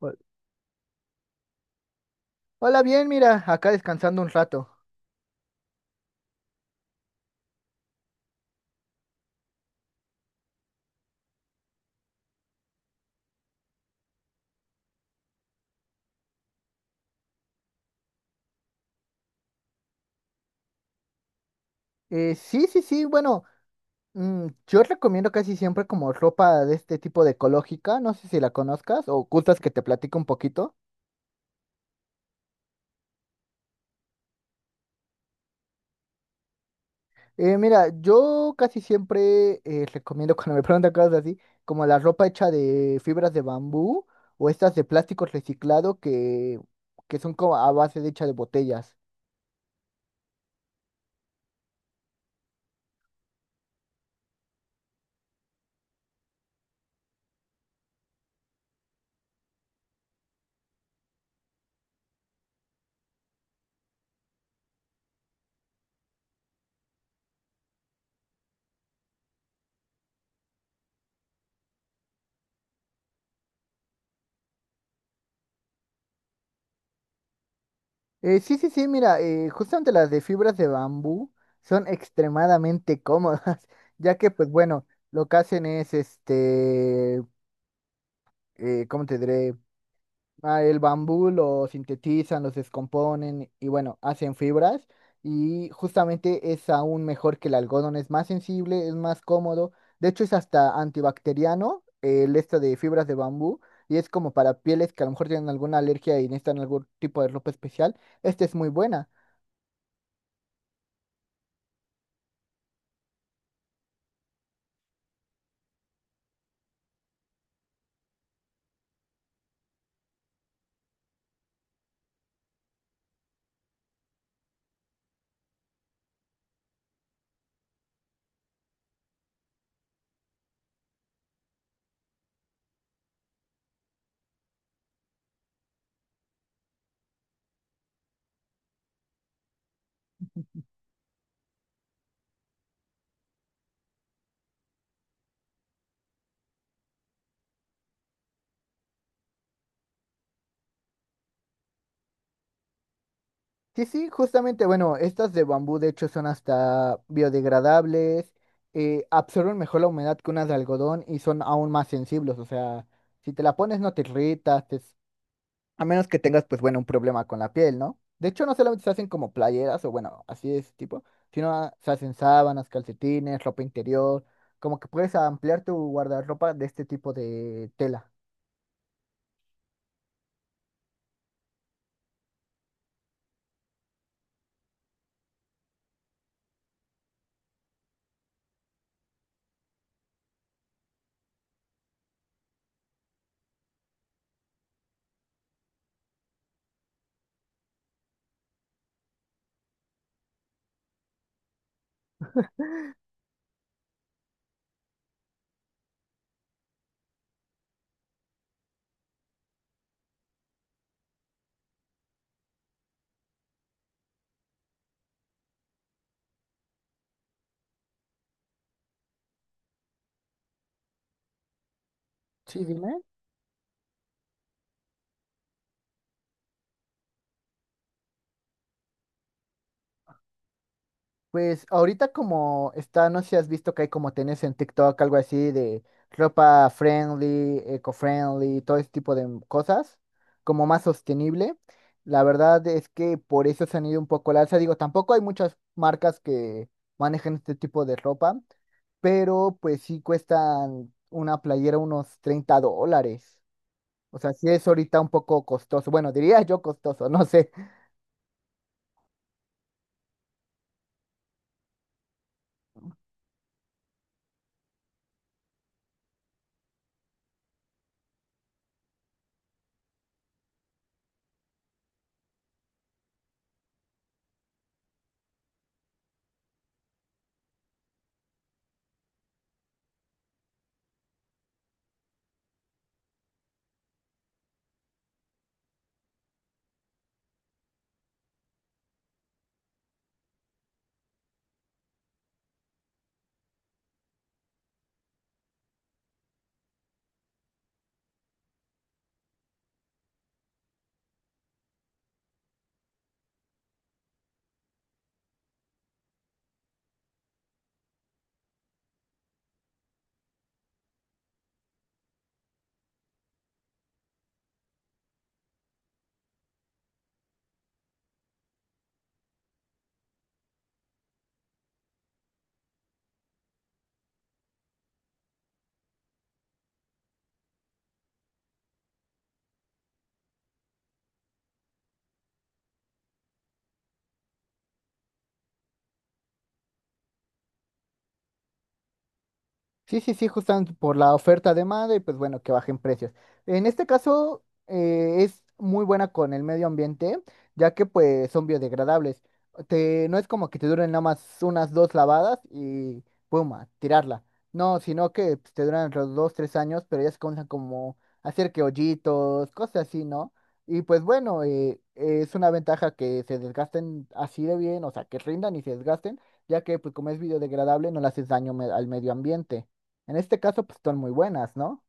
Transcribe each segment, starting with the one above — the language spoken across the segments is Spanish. Hol- Hola, bien, mira, acá descansando un rato. Sí, sí, sí, bueno, yo recomiendo casi siempre como ropa de este tipo de ecológica, no sé si la conozcas o gustas que te platico un poquito. Mira, yo casi siempre recomiendo cuando me preguntan cosas así, como la ropa hecha de fibras de bambú o estas de plástico reciclado que son como a base de hecha de botellas. Sí, sí, sí, mira, justamente las de fibras de bambú son extremadamente cómodas, ya que, pues bueno, lo que hacen es, este, ¿cómo te diré? Ah, el bambú lo sintetizan, los descomponen y bueno, hacen fibras, y justamente es aún mejor que el algodón, es más sensible, es más cómodo, de hecho es hasta antibacteriano, el esto de fibras de bambú, y es como para pieles que a lo mejor tienen alguna alergia y necesitan algún tipo de ropa especial, esta es muy buena. Sí, sí, justamente, bueno, estas de bambú de hecho son hasta biodegradables, absorben mejor la humedad que unas de algodón y son aún más sensibles, o sea, si te la pones no te irritas, a menos que tengas pues bueno un problema con la piel, ¿no? De hecho no solamente se hacen como playeras o bueno, así de ese tipo, sino se hacen sábanas, calcetines, ropa interior, como que puedes ampliar tu guardarropa de este tipo de tela. Sí, dime. Pues ahorita como está, no sé si has visto que hay como tenés en TikTok, algo así de ropa friendly, eco-friendly, todo ese tipo de cosas, como más sostenible. La verdad es que por eso se han ido un poco al alza. Digo, tampoco hay muchas marcas que manejan este tipo de ropa, pero pues sí cuestan una playera unos 30 dólares. O sea, sí es ahorita un poco costoso. Bueno, diría yo costoso, no sé. Sí, sí, sí, justamente por la oferta demanda y pues bueno, que bajen precios. En este caso es muy buena con el medio ambiente, ya que pues son biodegradables. Te, no es como que te duren nada más unas dos lavadas y pum, a tirarla. No, sino que pues, te duran entre los dos, tres años, pero ya se comienzan como a hacer que hoyitos, cosas así, ¿no? Y pues bueno, es una ventaja que se desgasten así de bien, o sea, que rindan y se desgasten, ya que pues como es biodegradable no le haces daño al medio ambiente. En este caso, pues son muy buenas, ¿no?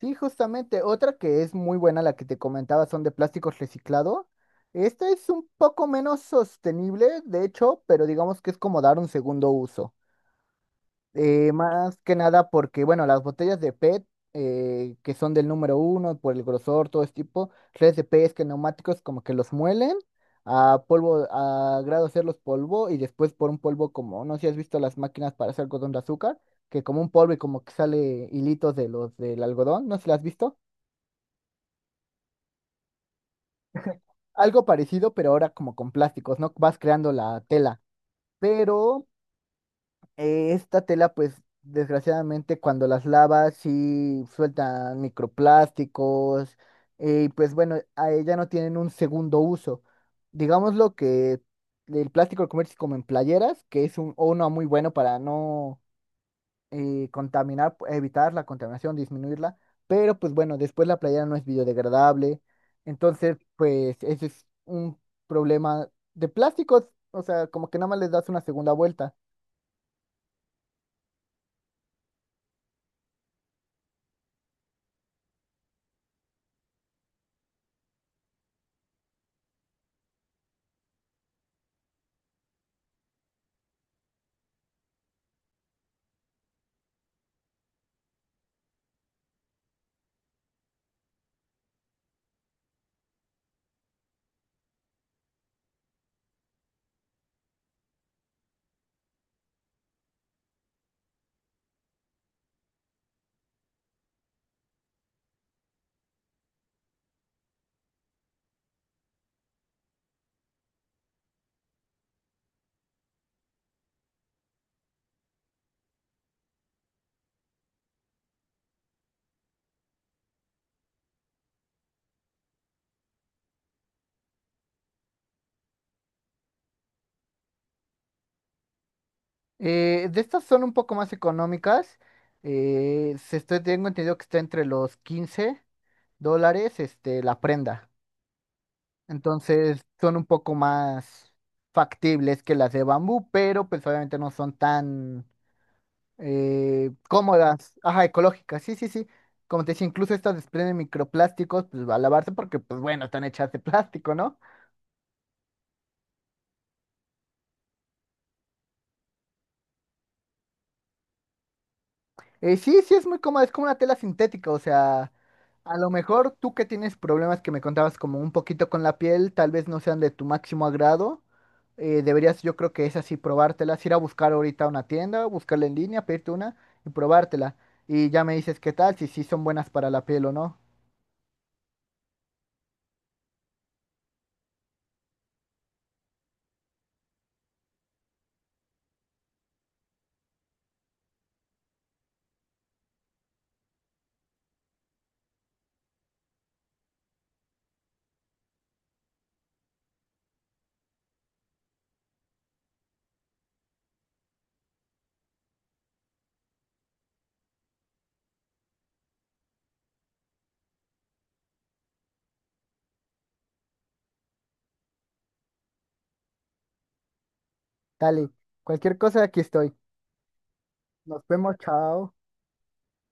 Sí, justamente. Otra que es muy buena, la que te comentaba, son de plásticos reciclado. Esta es un poco menos sostenible, de hecho, pero digamos que es como dar un segundo uso. Más que nada porque, bueno, las botellas de PET, que son del número uno, por el grosor, todo ese tipo, redes de PET, que neumáticos como que los muelen a polvo, a grado hacerlos polvo y después por un polvo como, no sé si has visto las máquinas para hacer algodón de azúcar, que como un polvo y como que sale hilitos de los del algodón, no sé si las has visto. Algo parecido, pero ahora como con plásticos, ¿no? Vas creando la tela. Pero esta tela, pues, desgraciadamente, cuando las lavas, sí sueltan microplásticos. Y pues bueno, a ella no tienen un segundo uso. Digámoslo que el plástico lo conviertes como en playeras, que es uno muy bueno para no contaminar, evitar la contaminación, disminuirla. Pero pues bueno, después la playera no es biodegradable. Entonces, pues, ese es un problema de plásticos. O sea, como que nada más les das una segunda vuelta. De estas son un poco más económicas. Tengo entendido que está entre los 15 dólares, este, la prenda. Entonces son un poco más factibles que las de bambú, pero pues obviamente no son tan cómodas. Ajá, ecológicas, sí, sí, sí. Como te decía, incluso estas desprenden microplásticos, pues va a lavarse porque, pues bueno, están hechas de plástico, ¿no? Sí, sí, es muy cómoda, es como una tela sintética, o sea, a lo mejor tú que tienes problemas que me contabas como un poquito con la piel, tal vez no sean de tu máximo agrado, deberías yo creo que es así, probártelas, ir a buscar ahorita a una tienda, buscarla en línea, pedirte una y probártela. Y ya me dices qué tal, si sí son buenas para la piel o no. Dale, cualquier cosa aquí estoy. Nos vemos, chao.